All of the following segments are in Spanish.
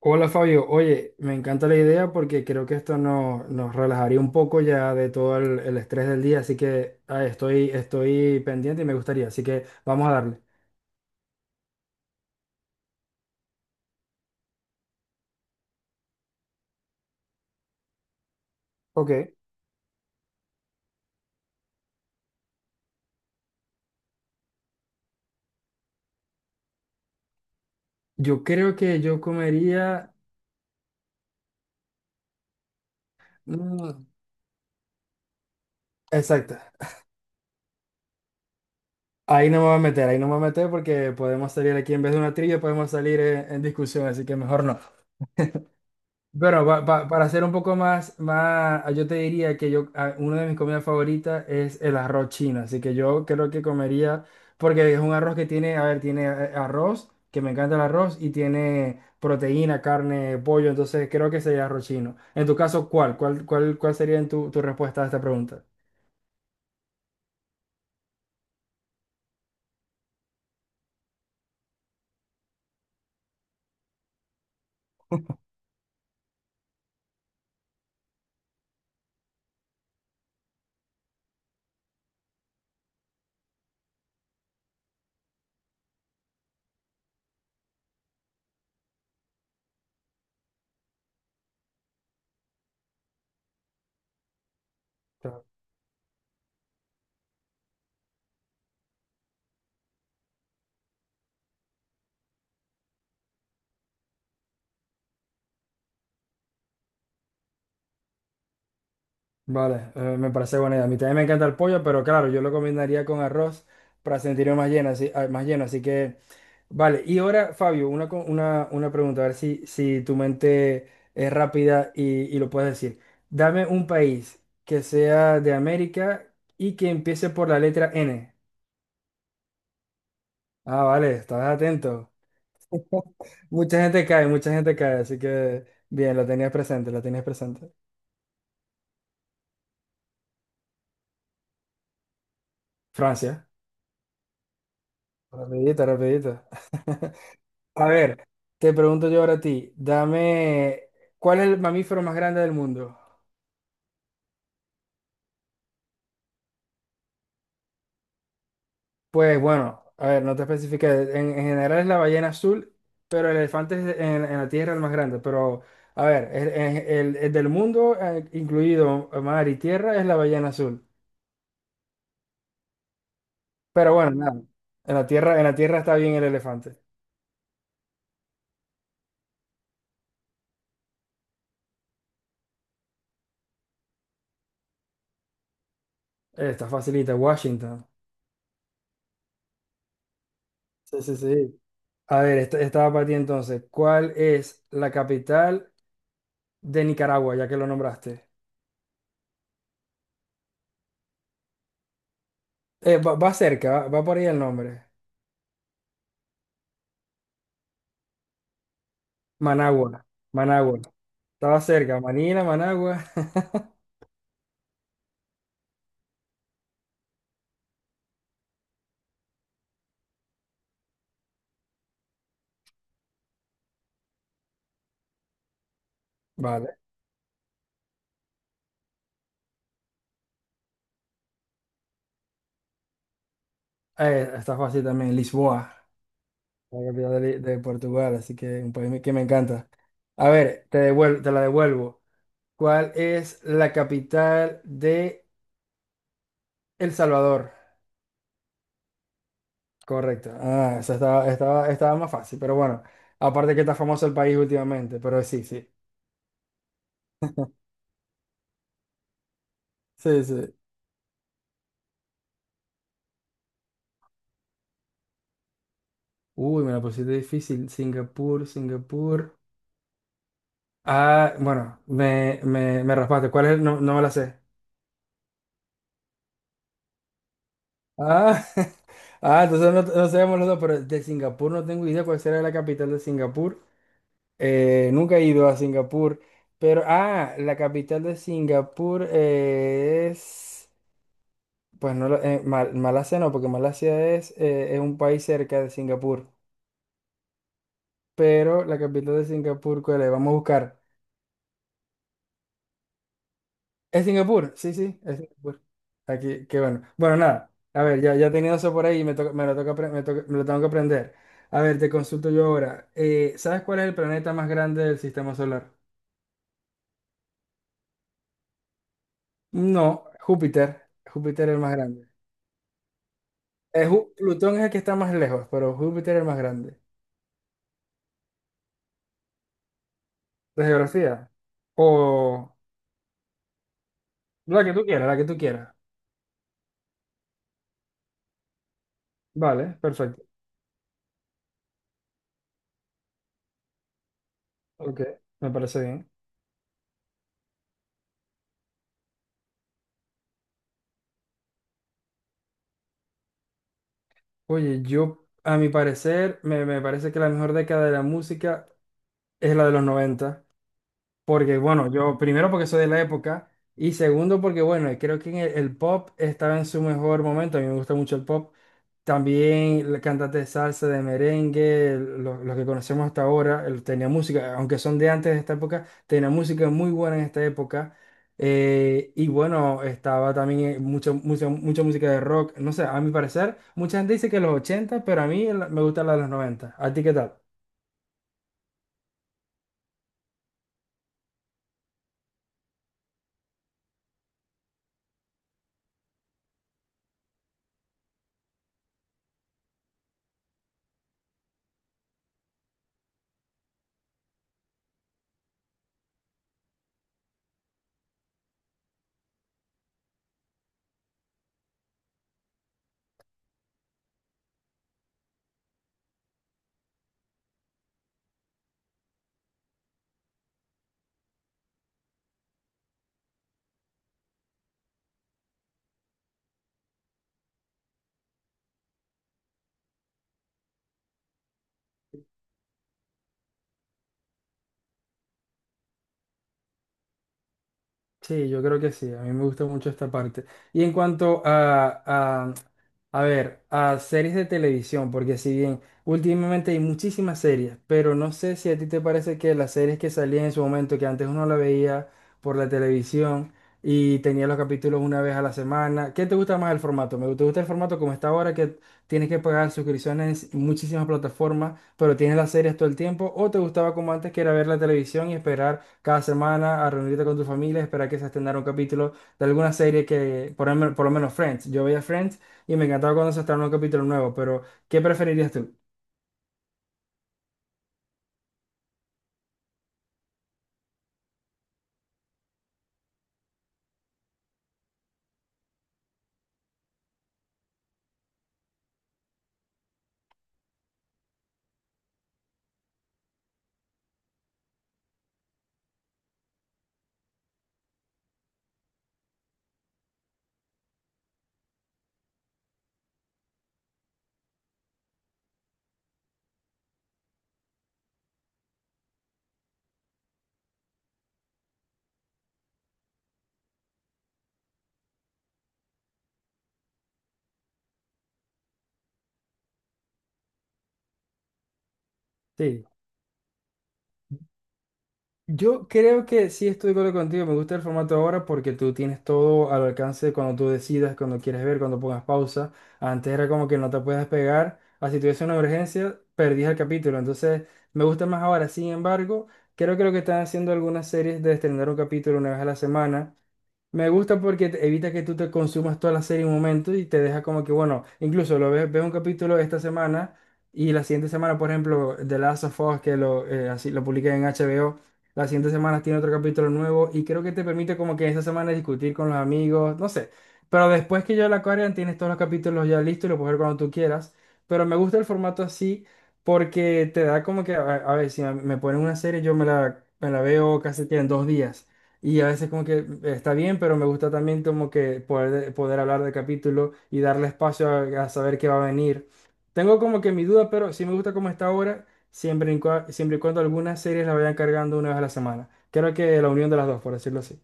Hola Fabio, oye, me encanta la idea porque creo que esto no- nos relajaría un poco ya de todo el estrés del día, así que estoy pendiente y me gustaría, así que vamos a darle. Ok. Yo creo que yo comería... mm, exacta, ahí no me voy a meter, ahí no me voy a meter porque podemos salir aquí en vez de una trivia, podemos salir en discusión, así que mejor no. Bueno, para hacer un poco más, yo te diría que una de mis comidas favoritas es el arroz chino, así que yo creo que comería, porque es un arroz que tiene, a ver, tiene arroz, que me encanta el arroz, y tiene proteína, carne, pollo, entonces creo que sería arroz chino. En tu caso, ¿cuál? ¿Cuál, cuál, cuál sería en tu respuesta a esta pregunta? Vale, me parece buena idea. A mí también me encanta el pollo, pero claro, yo lo combinaría con arroz para sentirme más lleno, así, ah, más lleno, así que... Vale, y ahora, Fabio, una pregunta, a ver si tu mente es rápida y lo puedes decir. Dame un país que sea de América y que empiece por la letra N. Ah, vale, estás atento. Mucha gente cae, así que bien, lo tenías presente, lo tenías presente. Francia, rapidito, rapidito. A ver, te pregunto yo ahora a ti, dame, ¿cuál es el mamífero más grande del mundo? Pues bueno, a ver, no te especifiqué, en general es la ballena azul, pero el elefante es en la Tierra el más grande, pero a ver, el del mundo, incluido mar y tierra, es la ballena azul. Pero bueno, nada, en la Tierra está bien el elefante. Está facilita, Washington. Sí, sí, sí. A ver, esta, estaba para ti entonces, ¿cuál es la capital de Nicaragua, ya que lo nombraste? Va, va cerca, va, va por ahí el nombre. Managua, Managua. Estaba cerca, Manila, Managua. Vale. Está fácil también, Lisboa, la capital de Portugal, así que un país que me encanta. A ver, te la devuelvo. ¿Cuál es la capital de El Salvador? Correcto. Ah, esa estaba, estaba, estaba más fácil, pero bueno. Aparte que está famoso el país últimamente, pero sí, sí. Sí, sí. Uy, me la pusiste difícil. Singapur, Singapur. Ah, bueno, me raspaste. ¿Cuál es? No, no me la sé. Ah, ah, entonces no, no sabemos los dos, pero de Singapur no tengo idea cuál será la capital de Singapur. Nunca he ido a Singapur, pero, ah, la capital de Singapur es, pues no, Malasia no, porque Malasia es un país cerca de Singapur, pero la capital de Singapur, ¿cuál es? Vamos a buscar. Es Singapur, sí, sí, es Singapur. Aquí, qué bueno. Bueno, nada, a ver, ya, ya tenía eso por ahí y me, toca- me, lo toca, apre- me, toca- me lo tengo que aprender. A ver, te consulto yo ahora. ¿Sabes cuál es el planeta más grande del sistema solar? No, Júpiter. Júpiter es el más grande. Plutón es el que está más lejos, pero Júpiter es el más grande. ¿De geografía? O la que tú quieras, la que tú quieras. Vale, perfecto. Ok, me parece bien. Oye, yo, a mi parecer, me parece que la mejor década de la música es la de los 90 porque bueno, yo primero porque soy de la época y segundo porque bueno, creo que en el pop estaba en su mejor momento, a mí me gusta mucho el pop, también el cantante de salsa, de merengue, los que conocemos hasta ahora, el- tenía música, aunque son de antes de esta época, tenía música muy buena en esta época. Eh, y bueno, estaba también mucha música de rock. No sé, a mi parecer, mucha gente dice que los 80 pero a mí me gusta la de los noventa. ¿A ti qué tal? Sí, yo creo que sí, a mí me gusta mucho esta parte. Y en cuanto a- a ver, a series de televisión, porque si bien últimamente hay muchísimas series, pero no sé si a ti te parece que las series que salían en su momento, que antes uno la veía por la televisión y tenía los capítulos una vez a la semana, ¿qué te gusta más el formato? Me te gusta el formato como está ahora, que tienes que pagar suscripciones en muchísimas plataformas, pero tienes las series todo el tiempo, o te gustaba como antes, que era ver la televisión y esperar cada semana a reunirte con tu familia, esperar que se estrenara un capítulo de alguna serie que, por, por lo menos Friends, yo veía Friends y me encantaba cuando se estrenaba un capítulo nuevo, pero ¿qué preferirías tú? Sí. Yo creo que sí estoy de acuerdo contigo, me gusta el formato ahora porque tú tienes todo al alcance cuando tú decidas, cuando quieres ver, cuando pongas pausa. Antes era como que no te puedes pegar, así si tuviese una emergencia, perdías el capítulo. Entonces me gusta más ahora, sin embargo, creo que lo que están haciendo algunas series de estrenar un capítulo una vez a la semana. Me gusta porque evita que tú te consumas toda la serie en un momento y te deja como que, bueno, incluso lo ves, ves un capítulo esta semana y la siguiente semana, por ejemplo, The Last of Us, que lo, así, lo publiqué en HBO, la siguiente semana tiene otro capítulo nuevo y creo que te permite como que esa semana discutir con los amigos, no sé. Pero después que yo la Aquarian tienes todos los capítulos ya listos y lo puedes ver cuando tú quieras. Pero me gusta el formato así porque te da como que, a ver, si me, me ponen una serie yo me la veo casi que en 2 días. Y a veces como que está bien, pero me gusta también como que poder, poder hablar del capítulo y darle espacio a saber qué va a venir. Tengo como que mi duda, pero sí me gusta cómo está ahora siempre y, siempre y cuando algunas series la vayan cargando una vez a la semana. Creo que la unión de las dos, por decirlo así.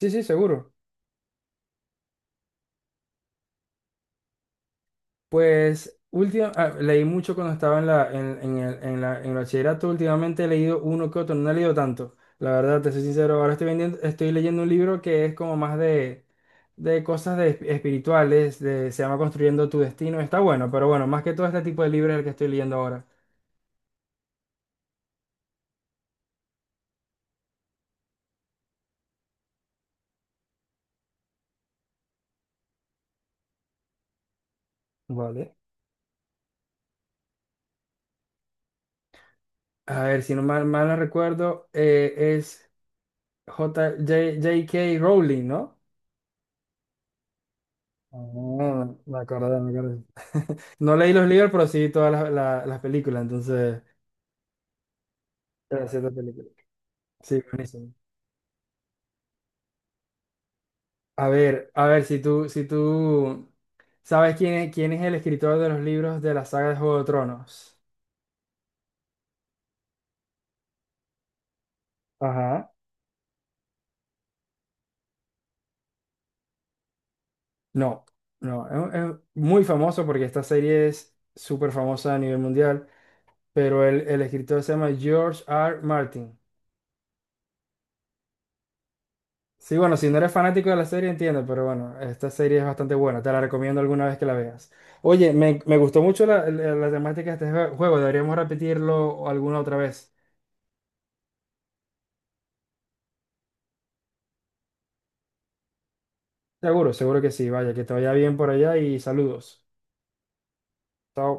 Sí, sí, seguro. Pues última, ah, leí mucho cuando estaba en la, en el, en la, en el bachillerato. Últimamente he leído uno que otro, no he leído tanto. La verdad, te soy sincero, ahora estoy vendiendo, estoy leyendo un libro que es como más de cosas de, espirituales, de, se llama Construyendo tu Destino. Está bueno, pero bueno, más que todo este tipo de libros es el que estoy leyendo ahora. Vale. A ver, si no mal no recuerdo, es J.K. Rowling, ¿no? Ah, me acordé, me acordé. No leí los libros, pero sí todas las películas, entonces... Las cierta películas. Sí, buenísimo. A ver, si tú sabes quién es el escritor de los libros de la saga de Juego de Tronos. Ajá. No, no, es, es muy famoso porque esta serie es súper famosa a nivel mundial, pero el escritor se llama George R. Martin. Sí, bueno, si no eres fanático de la serie, entiendo, pero bueno, esta serie es bastante buena, te la recomiendo alguna vez que la veas. Oye, me gustó mucho la temática de este juego, deberíamos repetirlo alguna otra vez. Seguro, seguro que sí, vaya, que te vaya bien por allá y saludos. Chao.